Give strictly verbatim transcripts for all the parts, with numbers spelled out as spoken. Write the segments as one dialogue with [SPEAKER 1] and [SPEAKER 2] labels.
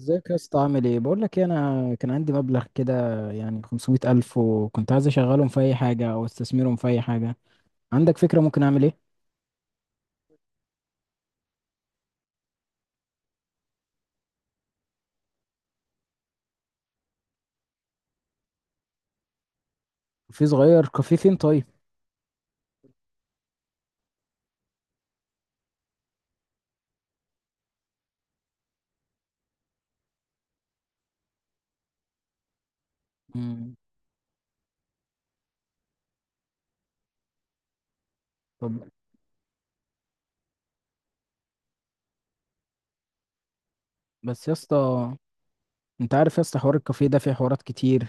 [SPEAKER 1] ازيك يا اسطى؟ عامل ايه؟ بقول لك ايه، انا كان عندي مبلغ كده يعني خمسمائة الف، وكنت عايز اشغلهم في اي حاجه او استثمرهم في اي حاجه. عندك فكره ممكن اعمل ايه؟ في صغير كافيه فين طيب؟ مم. طب بس يا اسطى، انت عارف يا اسطى حوار الكافيه ده فيه حوارات كتير،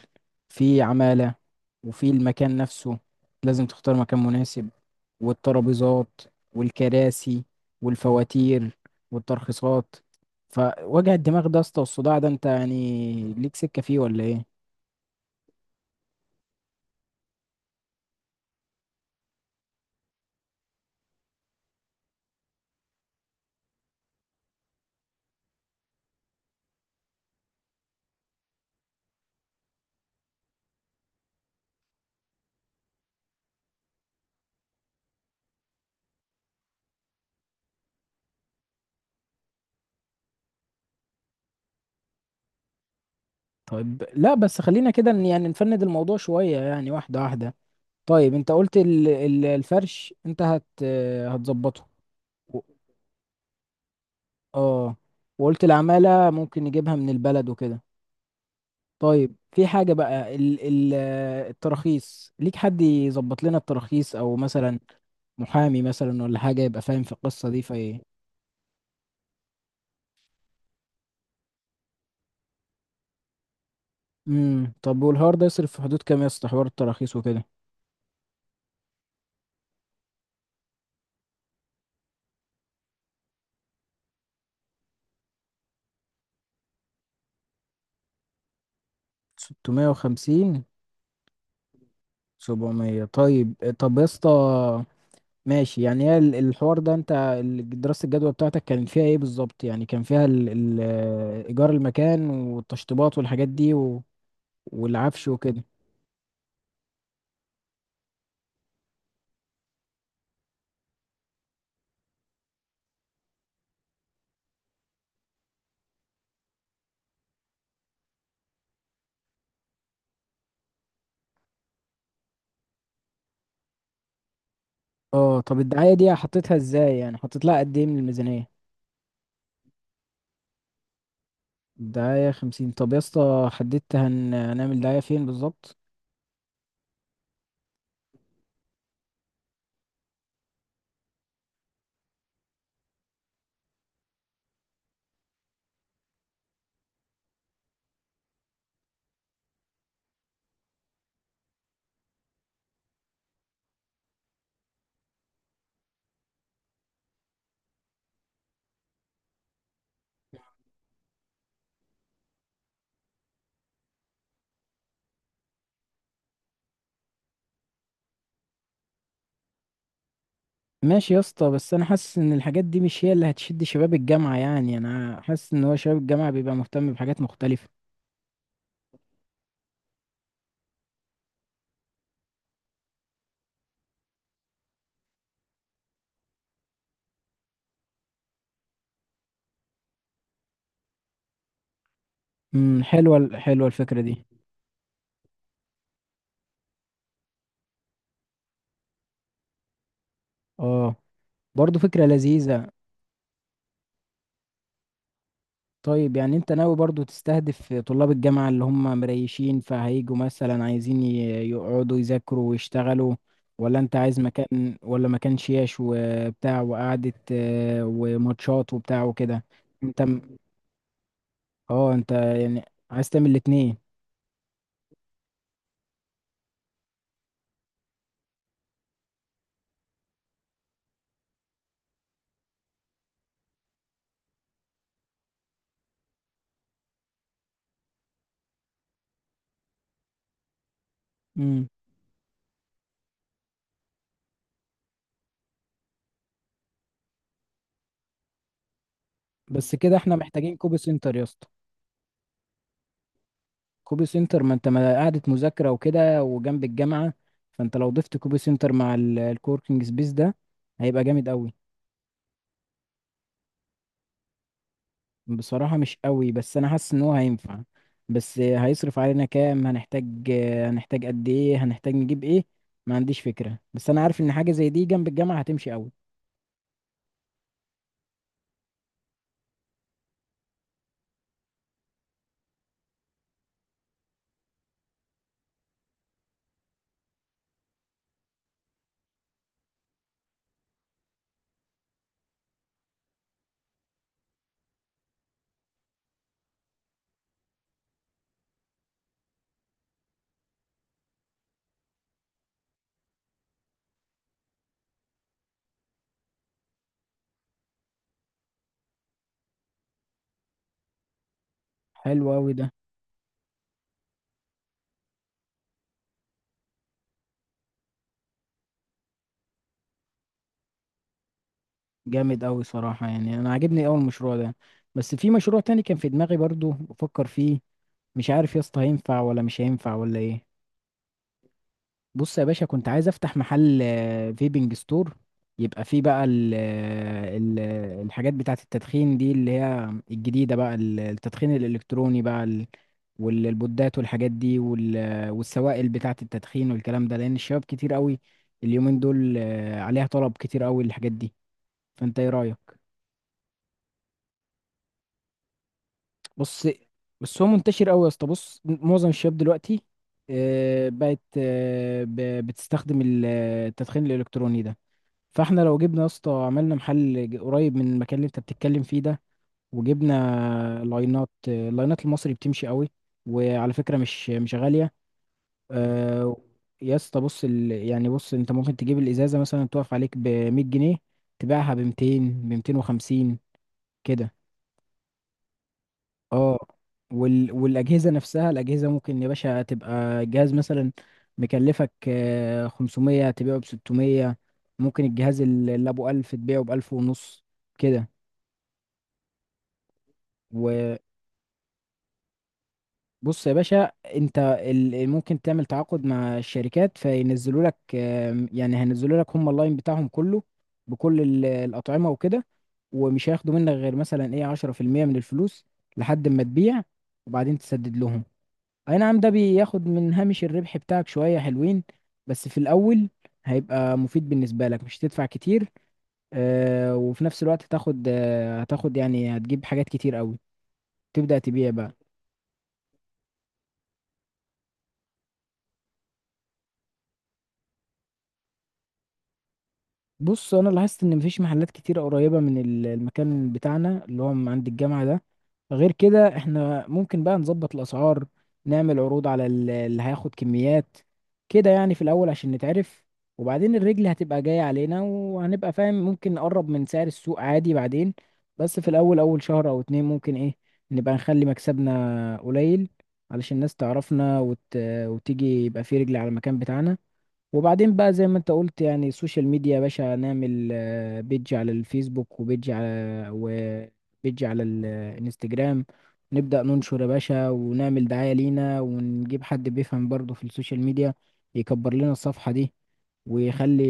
[SPEAKER 1] في عماله، وفي المكان نفسه لازم تختار مكان مناسب، والترابيزات، والكراسي، والفواتير، والترخيصات. فوجع الدماغ ده يا اسطى والصداع ده انت يعني ليك سكه فيه ولا ايه؟ طيب، لا، بس خلينا كده ن- يعني نفند الموضوع شوية، يعني واحدة واحدة. طيب انت قلت ال- ال- الفرش انت هت هتظبطه. و- اه، وقلت العمالة ممكن نجيبها من البلد وكده. طيب في حاجة بقى ال ال التراخيص، ليك حد يظبط لنا التراخيص، او مثلا محامي مثلا ولا حاجة يبقى فاهم في القصة دي؟ في امم، طب والهار ده يصرف في حدود كام يا اسطى؟ حوار التراخيص وكده. ستمية وخمسين؟ سبعمية؟ طيب، طب يا اسطى، ماشي يعني. هي ال- الحوار ده، انت ال- دراسة الجدوى بتاعتك كانت فيها ايه بالظبط؟ يعني كان فيها ال ال ايجار المكان، والتشطيبات، والحاجات دي، و والعفش وكده. اه، طب الدعاية دي حطيتها ازاي يعني؟ حطيت لها قد ايه من الميزانية؟ الدعاية خمسين؟ طب يا اسطى، حددت هن- هنعمل دعاية فين بالظبط؟ ماشي يا اسطى، بس انا حاسس ان الحاجات دي مش هي اللي هتشد شباب الجامعة. يعني انا حاسس ان هو شباب الجامعة بيبقى مهتم بحاجات مختلفة. امم، حلوة ال- حلوة الفكرة دي. اه، برضه فكرة لذيذة. طيب يعني انت ناوي برضو تستهدف طلاب الجامعة اللي هم مريشين فهيجوا مثلا، عايزين ي- يقعدوا يذاكروا ويشتغلوا؟ ولا انت عايز مكان، ولا مكان شياش وبتاع وقعدة آه، وماتشات وبتاع وكده؟ انت م- اه انت يعني عايز تعمل الاتنين؟ امم. بس كده احنا محتاجين كوبي سنتر يا اسطى. كوبي سنتر، ما انت، ما قعدة مذاكرة وكده وجنب الجامعة. فانت لو ضفت كوبي سنتر مع ال- الكوركينج سبيس ده هيبقى جامد قوي. بصراحة مش قوي، بس أنا حاسس إن هو هينفع. بس هيصرف علينا كام؟ هنحتاج، هنحتاج قد إيه؟ هنحتاج نجيب إيه؟ ما عنديش فكرة، بس أنا عارف إن حاجة زي دي جنب الجامعة هتمشي قوي. حلو قوي ده. جامد قوي صراحة، يعني أنا عاجبني أول مشروع ده. بس في مشروع تاني كان في دماغي برضو بفكر فيه، مش عارف يا اسطى هينفع ولا مش هينفع ولا إيه. بص يا باشا، كنت عايز افتح محل آه، فيبنج ستور. يبقى فيه بقى ال ال الحاجات بتاعة التدخين دي، اللي هي الجديدة بقى ال- التدخين الإلكتروني بقى ال- والبودات والحاجات دي، وال- والسوائل بتاعة التدخين والكلام ده، لأن الشباب كتير قوي اليومين دول آه، عليها طلب كتير قوي الحاجات دي. فأنت إيه رأيك؟ بص، بس هو منتشر قوي يا اسطى. بص معظم الشباب دلوقتي آه، بقت، آه، ب- بتستخدم ال- التدخين الإلكتروني ده. فاحنا لو جبنا يا اسطى، عملنا محل ج- قريب من المكان اللي انت بتتكلم فيه ده، وجبنا لاينات. اللاينات المصري بتمشي قوي، وعلى فكرة مش مش غالية. آه، يا اسطى بص ال... يعني بص، انت ممكن تجيب الازازة مثلا تقف عليك ب مئة جنيه، تبيعها ب ميتين، ب ميتين وخمسين، كده. اه، وال... والاجهزة نفسها، الاجهزة ممكن يا باشا تبقى جهاز مثلا مكلفك آه، خمسمية تبيعه ب ستمية. ممكن الجهاز اللي ابو الف تبيعه ب ألف ونص، كده. وبص يا باشا، انت ال- ال- ممكن تعمل تعاقد مع الشركات، فينزلوا لك آم، يعني هينزلوا لك هم اللاين بتاعهم كله، بكل ال- الأطعمة وكده. ومش هياخدوا منك غير مثلا ايه عشرة في المية من الفلوس لحد ما تبيع، وبعدين تسدد لهم. اي نعم، ده بياخد من هامش الربح بتاعك شوية حلوين، بس في الأول هيبقى مفيد بالنسبة لك، مش هتدفع كتير. آه، وفي نفس الوقت هتاخد، آه، هتاخد يعني هتجيب حاجات كتير قوي، تبدأ تبيع بقى. بص انا لاحظت ان مفيش محلات كتير قريبه من ال- المكان بتاعنا اللي هو من عند الجامعه ده. غير كده، احنا ممكن بقى نظبط الاسعار، نعمل عروض على ال- اللي هياخد كميات كده يعني، في الاول عشان نتعرف. وبعدين الرجل هتبقى جايه علينا، وهنبقى فاهم ممكن نقرب من سعر السوق عادي بعدين. بس في الاول اول شهر او اتنين ممكن ايه نبقى نخلي مكسبنا قليل، علشان الناس تعرفنا وت... وتيجي، يبقى في رجل على المكان بتاعنا. وبعدين بقى زي ما انت قلت، يعني السوشيال ميديا يا باشا، نعمل آه، بيج على الفيسبوك، وبيج على وبيج على الانستجرام. نبدأ ننشر يا باشا، ونعمل دعاية لينا، ونجيب حد بيفهم برضه في السوشيال ميديا، يكبر لنا الصفحة دي، ويخلي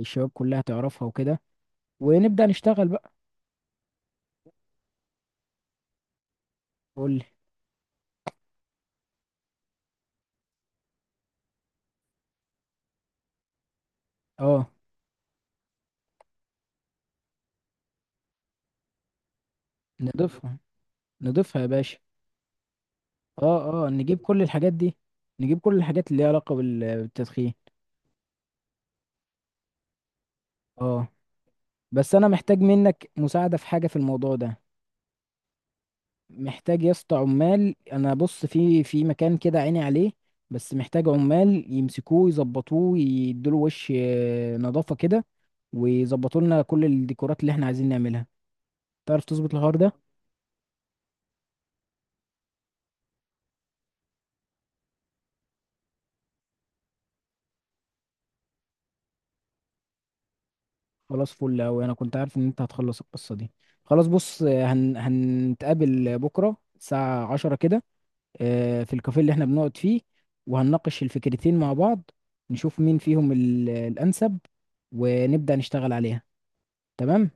[SPEAKER 1] الشباب كلها تعرفها وكده، ونبدأ نشتغل بقى. قول لي. اه، نضيفها، نضيفها يا باشا. اه، اه، نجيب كل الحاجات دي، نجيب كل الحاجات اللي ليها علاقة بال- بالتدخين. اه، بس انا محتاج منك مساعدة في حاجة في الموضوع ده. محتاج يا اسطى عمال. انا بص، في في مكان كده عيني عليه، بس محتاج عمال يمسكوه يظبطوه، يدوله وش آه، نظافة كده، ويظبطوا لنا كل الديكورات اللي احنا عايزين نعملها. تعرف تظبط الحوار ده؟ خلاص فل اوي، انا كنت عارف ان انت هتخلص القصة دي. خلاص بص، آه، هن... هنتقابل بكرة الساعة عشرة كده، آه، في الكافيه اللي احنا بنقعد فيه، وهنناقش الفكرتين مع بعض، نشوف مين فيهم ال- الأنسب، ونبدأ نشتغل عليها. تمام؟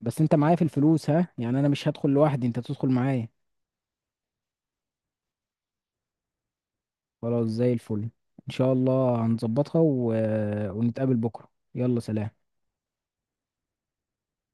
[SPEAKER 1] بس انت معايا في الفلوس ها؟ يعني انا مش هدخل لوحدي، انت تدخل معايا. خلاص زي الفل، ان شاء الله هنظبطها و... ونتقابل بكرة، يلا سلام.